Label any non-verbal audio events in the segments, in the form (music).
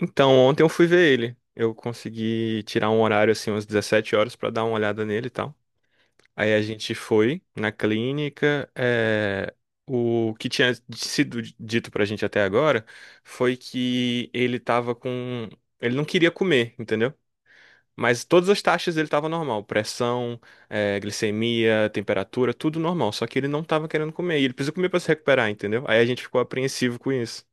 Então, ontem eu fui ver ele. Eu consegui tirar um horário, assim, umas 17 horas pra dar uma olhada nele e tal. Aí a gente foi na clínica. O que tinha sido dito pra gente até agora foi que ele tava com. Ele não queria comer, entendeu? Mas todas as taxas dele tava normal: pressão, glicemia, temperatura, tudo normal. Só que ele não tava querendo comer. E ele precisa comer pra se recuperar, entendeu? Aí a gente ficou apreensivo com isso.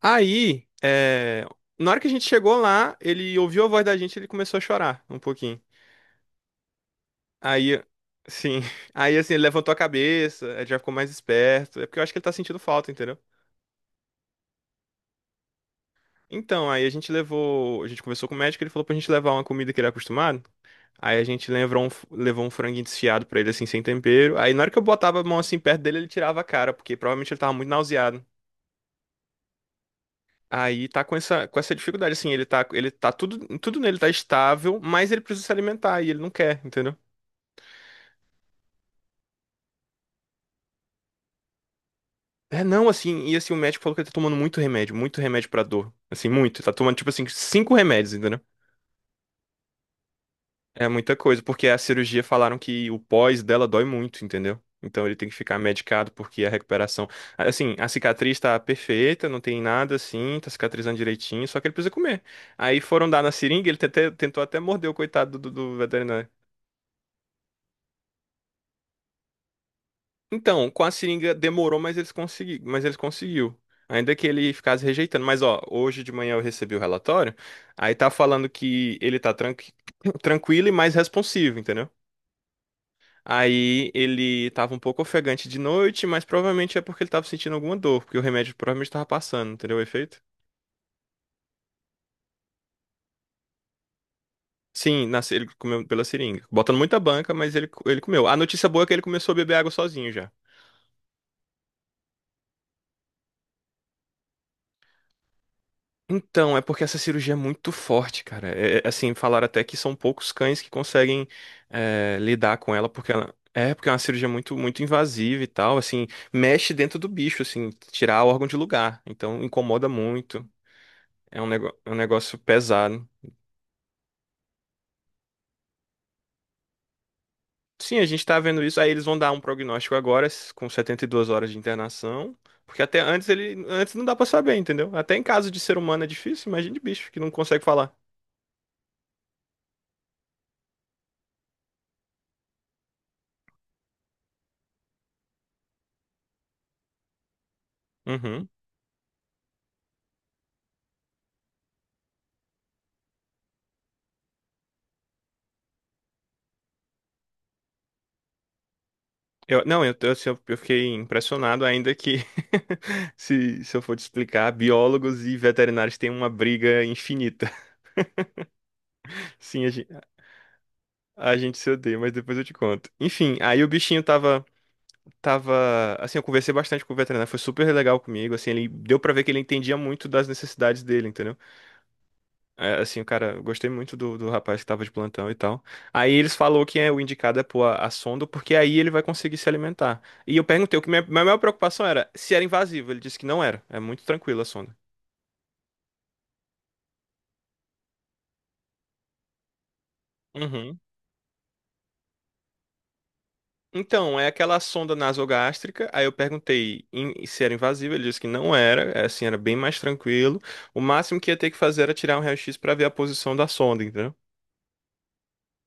Aí, na hora que a gente chegou lá, ele ouviu a voz da gente, ele começou a chorar um pouquinho. Aí, sim. (laughs) Aí, assim, ele levantou a cabeça, ele já ficou mais esperto. É porque eu acho que ele tá sentindo falta, entendeu? Então, aí a gente levou. A gente conversou com o médico, ele falou pra gente levar uma comida que ele é acostumado. Aí a gente levou um franguinho desfiado pra ele, assim, sem tempero. Aí, na hora que eu botava a mão assim perto dele, ele tirava a cara, porque provavelmente ele tava muito nauseado. Aí tá com com essa dificuldade, assim, ele tá tudo, tudo nele tá estável, mas ele precisa se alimentar e ele não quer, entendeu? É, não, assim, e assim, o médico falou que ele tá tomando muito remédio pra dor, assim, muito, tá tomando, tipo assim, cinco remédios, entendeu? É muita coisa, porque a cirurgia falaram que o pós dela dói muito, entendeu? Então ele tem que ficar medicado porque a recuperação, assim, a cicatriz tá perfeita, não tem nada, assim, tá cicatrizando direitinho, só que ele precisa comer. Aí foram dar na seringa, ele tentou até morder o coitado do veterinário. Então, com a seringa demorou, mas mas eles conseguiu. Ainda que ele ficasse rejeitando. Mas, ó, hoje de manhã eu recebi o relatório. Aí tá falando que ele (coughs) (clears throat) tranquilo e mais responsivo, entendeu? Aí ele tava um pouco ofegante de noite, mas provavelmente é porque ele tava sentindo alguma dor, porque o remédio provavelmente tava passando, entendeu o efeito? Sim, na... se- ele comeu pela seringa. Botando muita banca, mas ele comeu. A notícia boa é que ele começou a beber água sozinho já. Então, é porque essa cirurgia é muito forte, cara. Assim, falaram até que são poucos cães que conseguem lidar com ela, porque ela é porque é uma cirurgia muito muito invasiva e tal, assim, mexe dentro do bicho, assim, tirar o órgão de lugar. Então, incomoda muito. É um negócio pesado. Sim, a gente tá vendo isso. Aí eles vão dar um prognóstico agora, com 72 horas de internação, porque até antes ele antes não dá pra saber, entendeu? Até em caso de ser humano é difícil, imagina de bicho que não consegue falar. Uhum. Eu, não, eu, tô- assim, eu fiquei impressionado ainda que, (laughs) se eu for te explicar, biólogos e veterinários têm uma briga infinita. (laughs) Sim, a gente se odeia, mas depois eu te conto. Enfim, aí tava, assim, eu conversei bastante com o veterinário, foi super legal comigo, assim, ele deu pra ver que ele entendia muito das necessidades dele, entendeu? É, assim, o cara, eu gostei muito do rapaz que tava de plantão e tal. Aí eles falou que o indicado é pôr a sonda, porque aí ele vai conseguir se alimentar. E eu perguntei, o que minha maior preocupação era se era invasivo. Ele disse que não era. É muito tranquila a sonda. Uhum. Então, é aquela sonda nasogástrica. Aí eu perguntei se era invasivo. Ele disse que não era. Assim, era bem mais tranquilo. O máximo que ia ter que fazer era tirar um raio-x pra ver a posição da sonda, entendeu?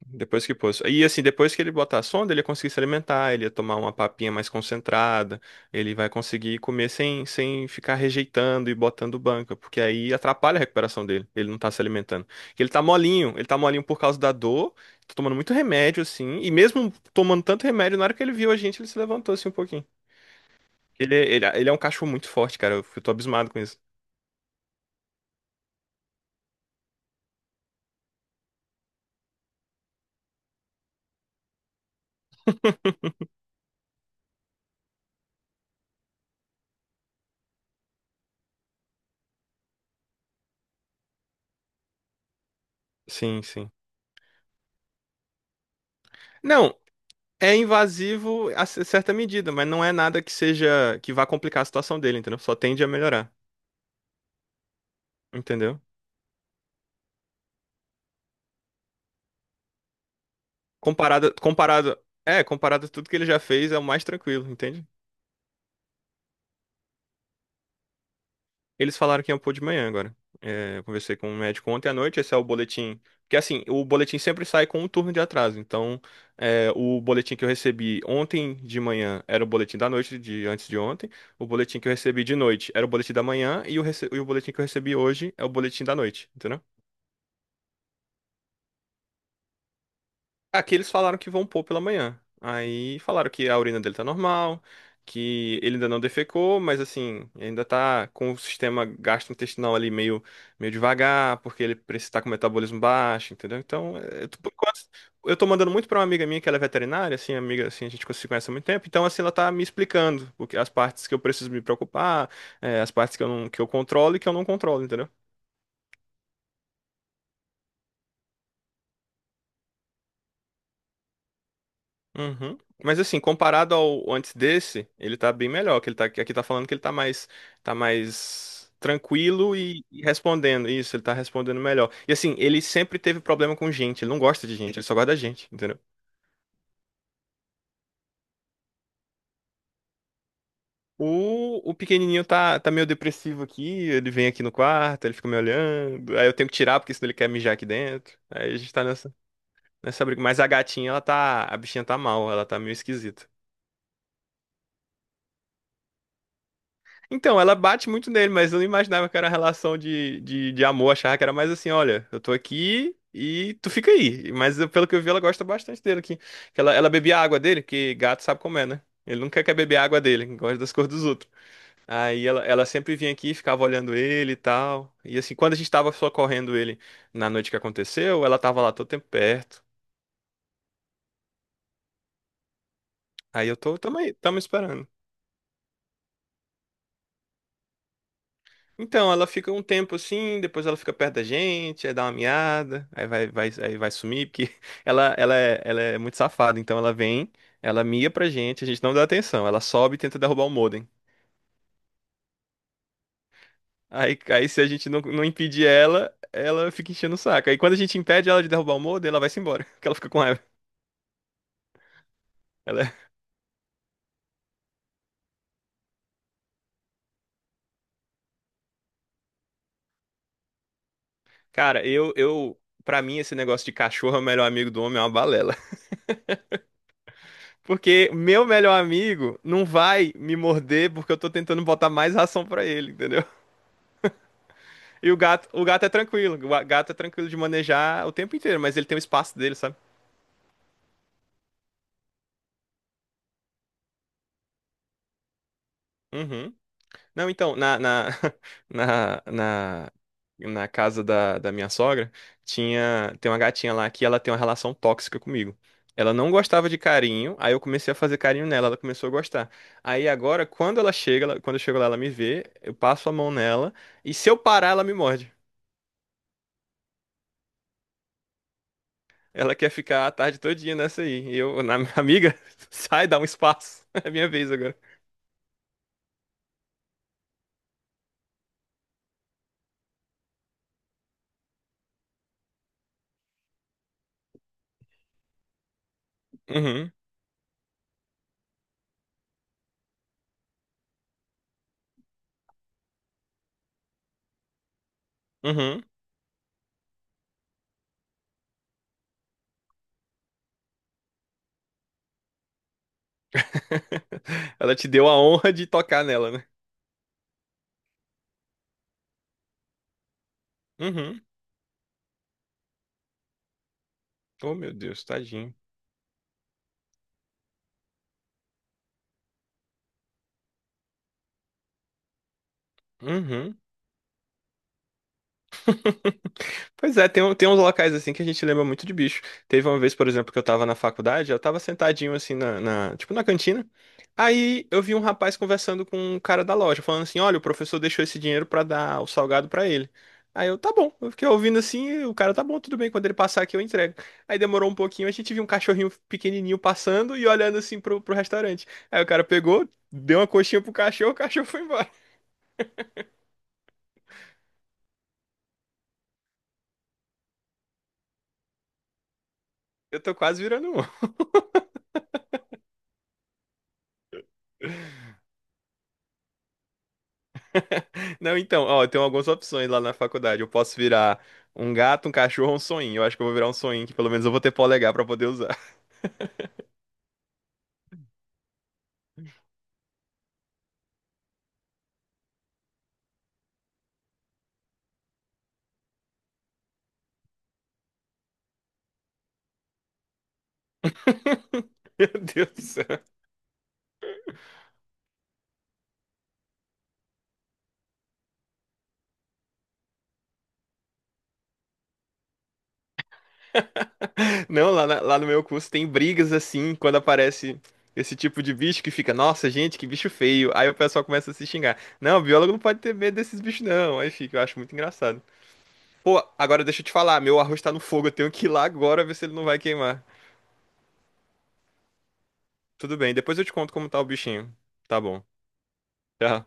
Depois que pôs. E assim, depois que ele botar a sonda, ele ia conseguir se alimentar, ele ia tomar uma papinha mais concentrada, ele vai conseguir comer sem ficar rejeitando e botando banca, porque aí atrapalha a recuperação dele, ele não tá se alimentando. Porque ele tá molinho por causa da dor, tá tomando muito remédio, assim, e mesmo tomando tanto remédio, na hora que ele viu a gente, ele se levantou assim um pouquinho. Ele é um cachorro muito forte, cara, eu tô abismado com isso. Sim, sim. Não, é invasivo a certa medida, mas não é nada que seja que vá complicar a situação dele, entendeu? Só tende a melhorar, entendeu? Comparado, comparado, comparado a tudo que ele já fez, é o mais tranquilo, entende? Eles falaram que iam pôr de manhã agora. É, eu conversei com um médico ontem à noite, esse é o boletim. Porque assim, o boletim sempre sai com um turno de atraso. Então, é, o boletim que eu recebi ontem de manhã era o boletim da noite, de antes de ontem. O boletim que eu recebi de noite era o boletim da manhã. E o boletim que eu recebi hoje é o boletim da noite, entendeu? Aqui eles falaram que vão pôr pela manhã. Aí falaram que a urina dele tá normal, que ele ainda não defecou, mas assim, ainda tá com o sistema gastrointestinal meio devagar, porque ele precisa tá com o metabolismo baixo, entendeu? Então, por enquanto, eu tô mandando muito pra uma amiga minha que ela é veterinária, assim, amiga, assim, a gente se conhece há muito tempo, então assim, ela tá me explicando as partes que eu preciso me preocupar, é, as partes que eu não, que eu controlo e que eu não controlo, entendeu? Uhum. Mas assim, comparado ao antes desse, ele tá bem melhor, que ele tá aqui tá falando que ele tá mais tranquilo e respondendo isso, ele tá respondendo melhor. E assim, ele sempre teve problema com gente, ele não gosta de gente, ele só gosta da gente, entendeu? O pequenininho tá meio depressivo aqui, ele vem aqui no quarto, ele fica me olhando, aí eu tenho que tirar porque senão ele quer mijar aqui dentro. Aí a gente tá nessa briga, mas a bichinha tá mal, ela tá meio esquisita. Então, ela bate muito nele, mas eu não imaginava que era relação de amor. Achava que era mais assim, olha, eu tô aqui e tu fica aí. Mas pelo que eu vi, ela gosta bastante dele aqui. Ela bebia a água dele, que gato sabe como é, né? Ele nunca quer beber a água dele, gosta das cores dos outros. Ela sempre vinha aqui, ficava olhando ele e tal. E assim, quando a gente tava socorrendo ele na noite que aconteceu, ela tava lá todo tempo perto. Tamo aí, tamo esperando. Então, ela fica um tempo assim, depois ela fica perto da gente, aí dá uma miada, aí vai sumir, porque (laughs) ela é muito safada, então ela vem, ela mia pra gente, a gente não dá atenção, ela sobe e tenta derrubar o modem. Aí se a gente não impedir ela, ela fica enchendo o saco. Aí quando a gente impede ela de derrubar o modem, ela vai-se embora, (laughs) porque ela fica com raiva. Ela, é- cara, eu, pra mim esse negócio de cachorro é o melhor amigo do homem é uma balela. (laughs) Porque meu melhor amigo não vai me morder porque eu tô tentando botar mais ração pra ele, entendeu? E o gato é tranquilo. O gato é tranquilo de manejar o tempo inteiro, mas ele tem o espaço dele, sabe? Uhum. Não, então, (laughs) na, na, na casa da minha sogra, tem uma gatinha lá que ela tem uma relação tóxica comigo. Ela não gostava de carinho, aí eu comecei a fazer carinho nela, ela começou a gostar. Aí agora, quando eu chego lá, ela me vê, eu passo a mão nela, e se eu parar, ela me morde. Ela quer ficar a tarde todinha nessa aí. E eu, na (laughs) amiga, sai, dá um espaço. É minha vez agora. Uhum, uhum. (laughs) Ela te deu a honra de tocar nela, né? Uhum. Oh, meu Deus, tadinho. Uhum. Pois é, tem uns locais assim que a gente lembra muito de bicho. Teve uma vez, por exemplo, que eu tava na faculdade, eu tava sentadinho assim tipo na cantina. Aí eu vi um rapaz conversando com um cara da loja, falando assim: "Olha, o professor deixou esse dinheiro pra dar o salgado pra ele". Aí eu, tá bom. Eu fiquei ouvindo assim, e o cara, tá bom, tudo bem, quando ele passar aqui eu entrego. Aí demorou um pouquinho, a gente viu um cachorrinho pequenininho passando e olhando assim pro restaurante. Aí o cara pegou, deu uma coxinha pro cachorro, o cachorro foi embora. Eu tô quase virando um. Não, então, ó, tem algumas opções lá na faculdade. Eu posso virar um gato, um cachorro ou um soninho. Eu acho que eu vou virar um soninho, que pelo menos eu vou ter polegar pra poder usar. (laughs) Meu Deus do céu. Não, lá no meu curso tem brigas assim, quando aparece esse tipo de bicho que fica, nossa, gente, que bicho feio. Aí o pessoal começa a se xingar. Não, biólogo não pode ter medo desses bichos, não. Aí fica, eu acho muito engraçado. Pô, agora deixa eu te falar, meu arroz tá no fogo, eu tenho que ir lá agora ver se ele não vai queimar. Tudo bem, depois eu te conto como tá o bichinho. Tá bom. Tchau.